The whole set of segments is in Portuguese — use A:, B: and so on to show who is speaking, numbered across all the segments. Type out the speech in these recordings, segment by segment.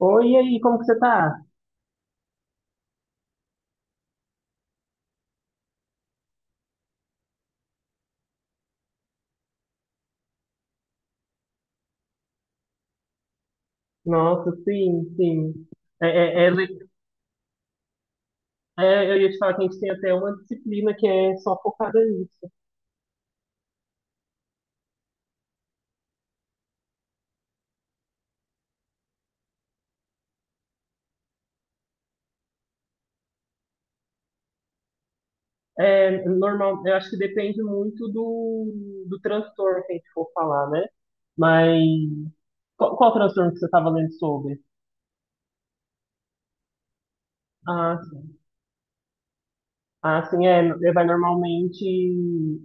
A: Oi, e aí, como que você tá? Nossa, sim, sim. É, é, é le- eu ia te falar que a gente tem até uma disciplina que é só focada nisso. É normal, eu acho que depende muito do transtorno que a gente for falar, né? Mas qual transtorno que você estava lendo sobre? Ah, sim. Ah, sim, vai normalmente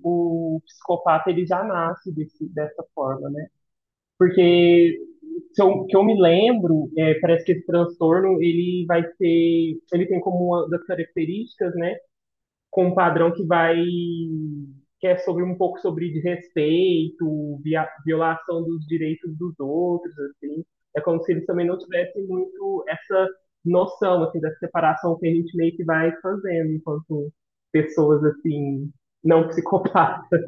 A: o psicopata ele já nasce dessa forma, né? Porque se eu, que eu me lembro, parece que esse transtorno ele vai ser, ele tem como uma das características, né, com um padrão que vai que é sobre um pouco sobre desrespeito, violação dos direitos dos outros, assim. É como se eles também não tivessem muito essa noção, assim, da separação que a gente meio que vai fazendo enquanto pessoas, assim, não psicopatas,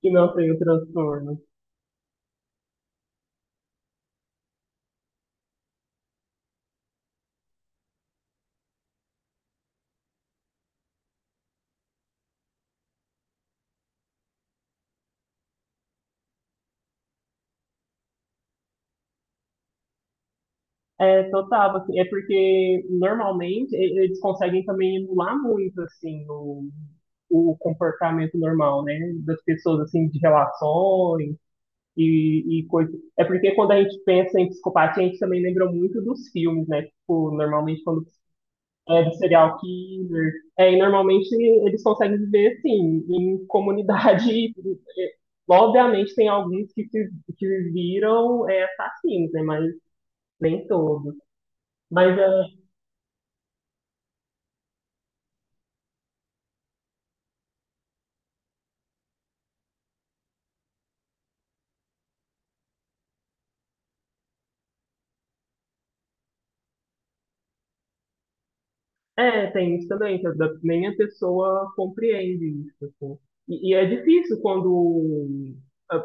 A: que não têm o transtorno. É, total, assim, é porque normalmente eles conseguem também emular muito, assim, o comportamento normal, né, das pessoas, assim, de relações e coisas. É porque quando a gente pensa em psicopatia, a gente também lembra muito dos filmes, né, tipo, normalmente quando é do serial killer, é, e normalmente eles conseguem viver, assim, em comunidade. É, obviamente, tem alguns que se que viram assassinos, né? Mas nem todos. Mas é, É, tem isso também, que às vezes nem a pessoa compreende isso, assim. E é difícil quando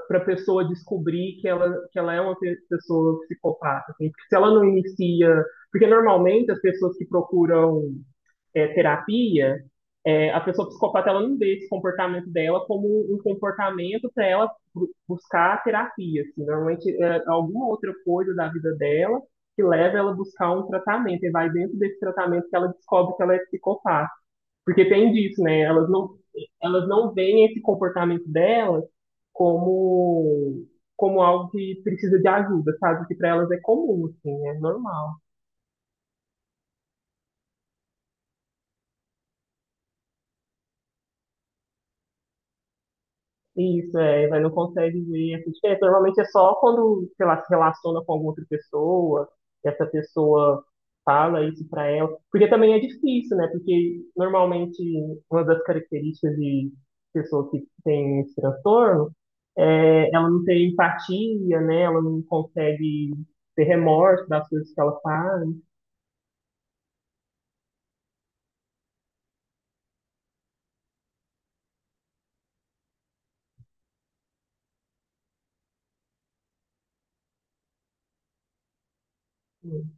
A: para a pessoa descobrir que ela é uma pessoa psicopata, assim, porque se ela não inicia, porque normalmente as pessoas que procuram terapia, a pessoa psicopata ela não vê esse comportamento dela como um comportamento para ela buscar terapia, assim, normalmente é alguma outra coisa da vida dela que leva ela a buscar um tratamento, e vai dentro desse tratamento que ela descobre que ela é psicopata. Porque tem disso, né? Elas não veem esse comportamento delas como, como algo que precisa de ajuda, sabe? Que para elas é comum, assim, é normal. Isso, é, vai, não consegue ver essa diferença. Normalmente é só quando, sei lá, se relaciona com alguma outra pessoa, que essa pessoa fala isso pra ela. Porque também é difícil, né? Porque normalmente uma das características de pessoas que têm esse transtorno é ela não tem empatia, né? Ela não consegue ter remorso das coisas que ela faz. Hum.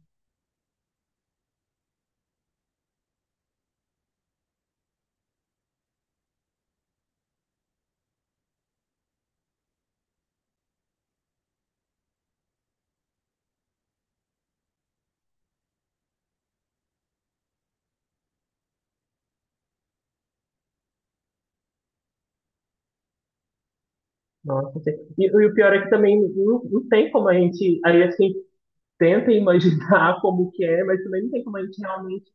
A: Nossa, sim. E o pior é que também não, não tem como a gente, aí assim, tenta imaginar como que é, mas também não tem como a gente realmente,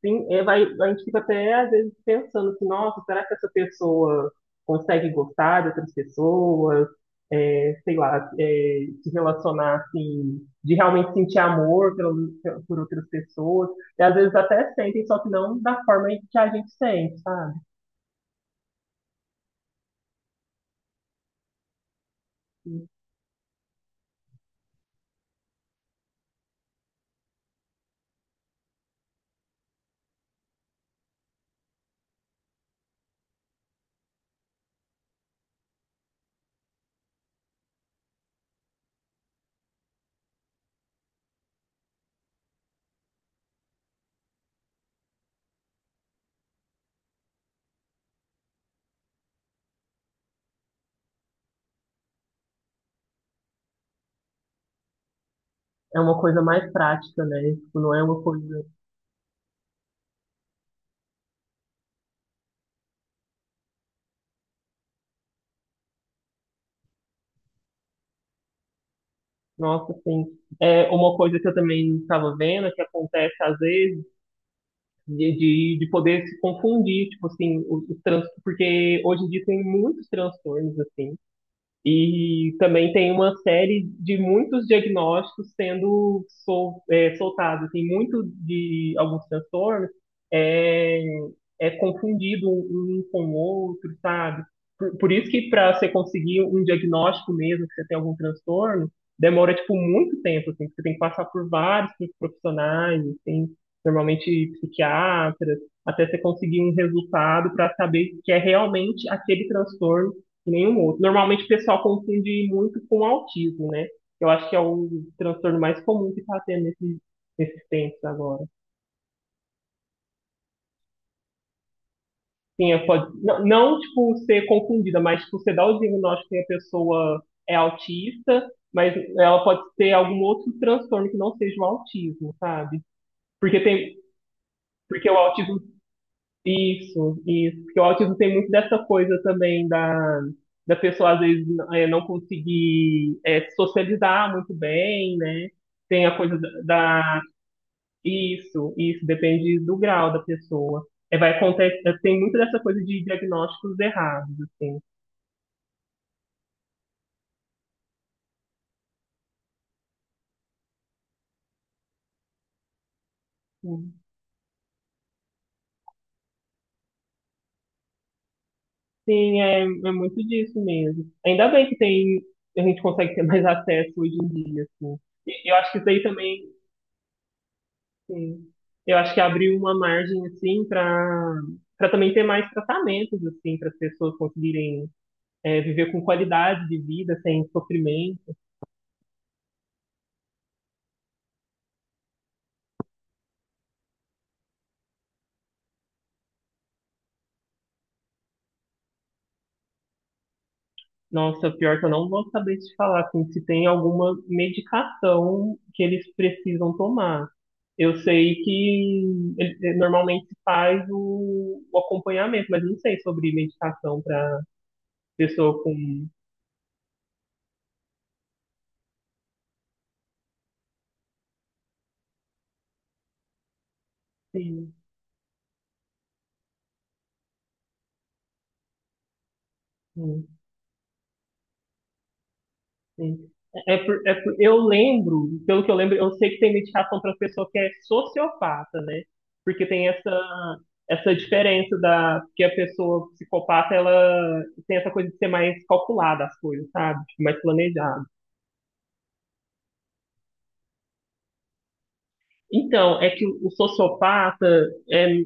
A: sim, é, vai, a gente fica até às vezes pensando assim, nossa, será que essa pessoa consegue gostar de outras pessoas, é, sei lá, se relacionar assim, de realmente sentir amor por outras pessoas, e às vezes até sentem, só que não da forma que a gente sente, sabe? É uma coisa mais prática, né? Tipo, não é uma coisa. Nossa, sim. É uma coisa que eu também estava vendo, que acontece às vezes, de poder se confundir, tipo assim, os trans, porque hoje em dia tem muitos transtornos, assim, e também tem uma série de muitos diagnósticos sendo soltados. Assim, muito de alguns transtornos é, é confundido um com o outro, sabe? Por isso que para você conseguir um diagnóstico mesmo, que você tem algum transtorno, demora, tipo, muito tempo, assim. Você tem que passar por vários profissionais, assim, normalmente psiquiatras, até você conseguir um resultado para saber que é realmente aquele transtorno nenhum outro. Normalmente o pessoal confunde muito com autismo, né? Eu acho que é o transtorno mais comum que está tendo nesses tempos agora. Sim, é, pode, não, não, tipo, ser confundida, mas, tipo, você dá o diagnóstico que a pessoa é autista, mas ela pode ter algum outro transtorno que não seja o autismo, sabe? Porque tem, porque o autismo. Isso, isso. Porque o autismo tem muito dessa coisa também da pessoa, às vezes, não conseguir se socializar muito bem, né? Tem a coisa Isso, isso. Depende do grau da pessoa. É, vai acontecer, tem muito dessa coisa de diagnósticos errados, assim. Sim, sim, é, é muito disso mesmo. Ainda bem que tem, a gente consegue ter mais acesso hoje em dia, assim. E eu acho que isso aí também. Sim. Eu acho que abriu uma margem assim para para também ter mais tratamentos assim para as pessoas conseguirem viver com qualidade de vida sem sofrimento. Nossa, pior é que eu não vou saber te falar assim, se tem alguma medicação que eles precisam tomar. Eu sei que normalmente se faz o acompanhamento, mas não sei sobre medicação para pessoa com. Sim. Sim. Eu lembro, pelo que eu lembro, eu sei que tem medicação para pessoa que é sociopata, né? Porque tem essa diferença da que a pessoa psicopata ela tem essa coisa de ser mais calculada as coisas, sabe? Tipo, mais planejada. Então, é que o sociopata é,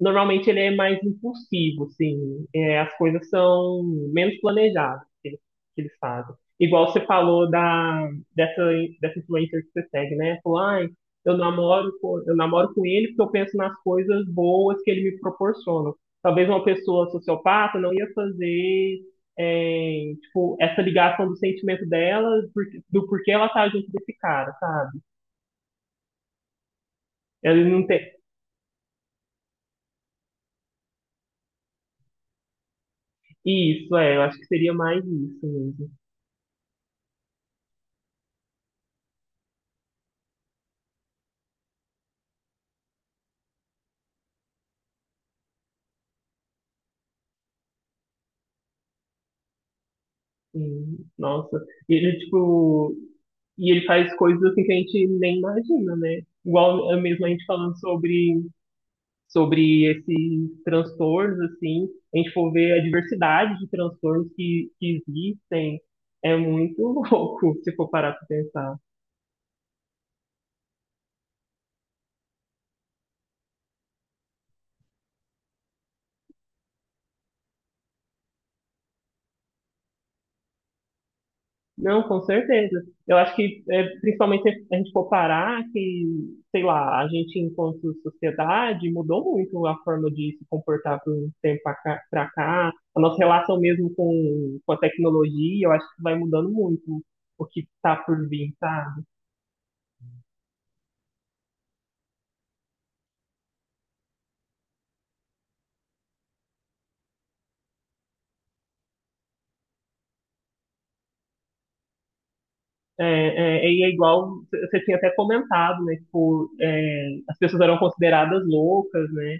A: normalmente ele é mais impulsivo, assim, é, as coisas são menos planejadas que que eles fazem. Igual você falou da dessa dessa influencer que você segue, né? Falou, ai, eu namoro com ele porque eu penso nas coisas boas que ele me proporciona. Talvez uma pessoa sociopata não ia fazer tipo, essa ligação do sentimento dela, do porquê ela tá junto desse cara, sabe? Ela não tem, isso, é, eu acho que seria mais isso mesmo. Sim, nossa. E ele, tipo, e ele faz coisas assim que a gente nem imagina, né? Mesmo a gente falando sobre esses transtornos, assim, a gente for ver a diversidade de transtornos que existem, é muito louco se for parar pra pensar. Não, com certeza. Eu acho que, é, principalmente se a gente for parar, que, sei lá, a gente, enquanto sociedade, mudou muito a forma de se comportar por um tempo pra cá. A nossa relação mesmo com a tecnologia, eu acho que vai mudando muito o que está por vir, sabe? É, é, e é igual, você tinha até comentado, né? Tipo, é, as pessoas eram consideradas loucas, né?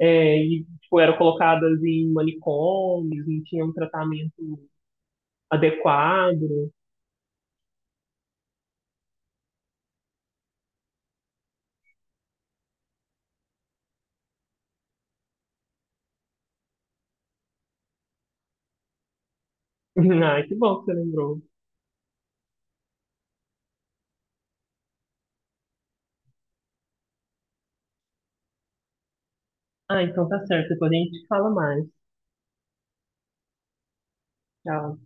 A: É, e, tipo, eram colocadas em manicômios, não tinham tratamento adequado. Ah, que bom que você lembrou. Ah, então tá certo. Depois a gente fala mais. Tchau.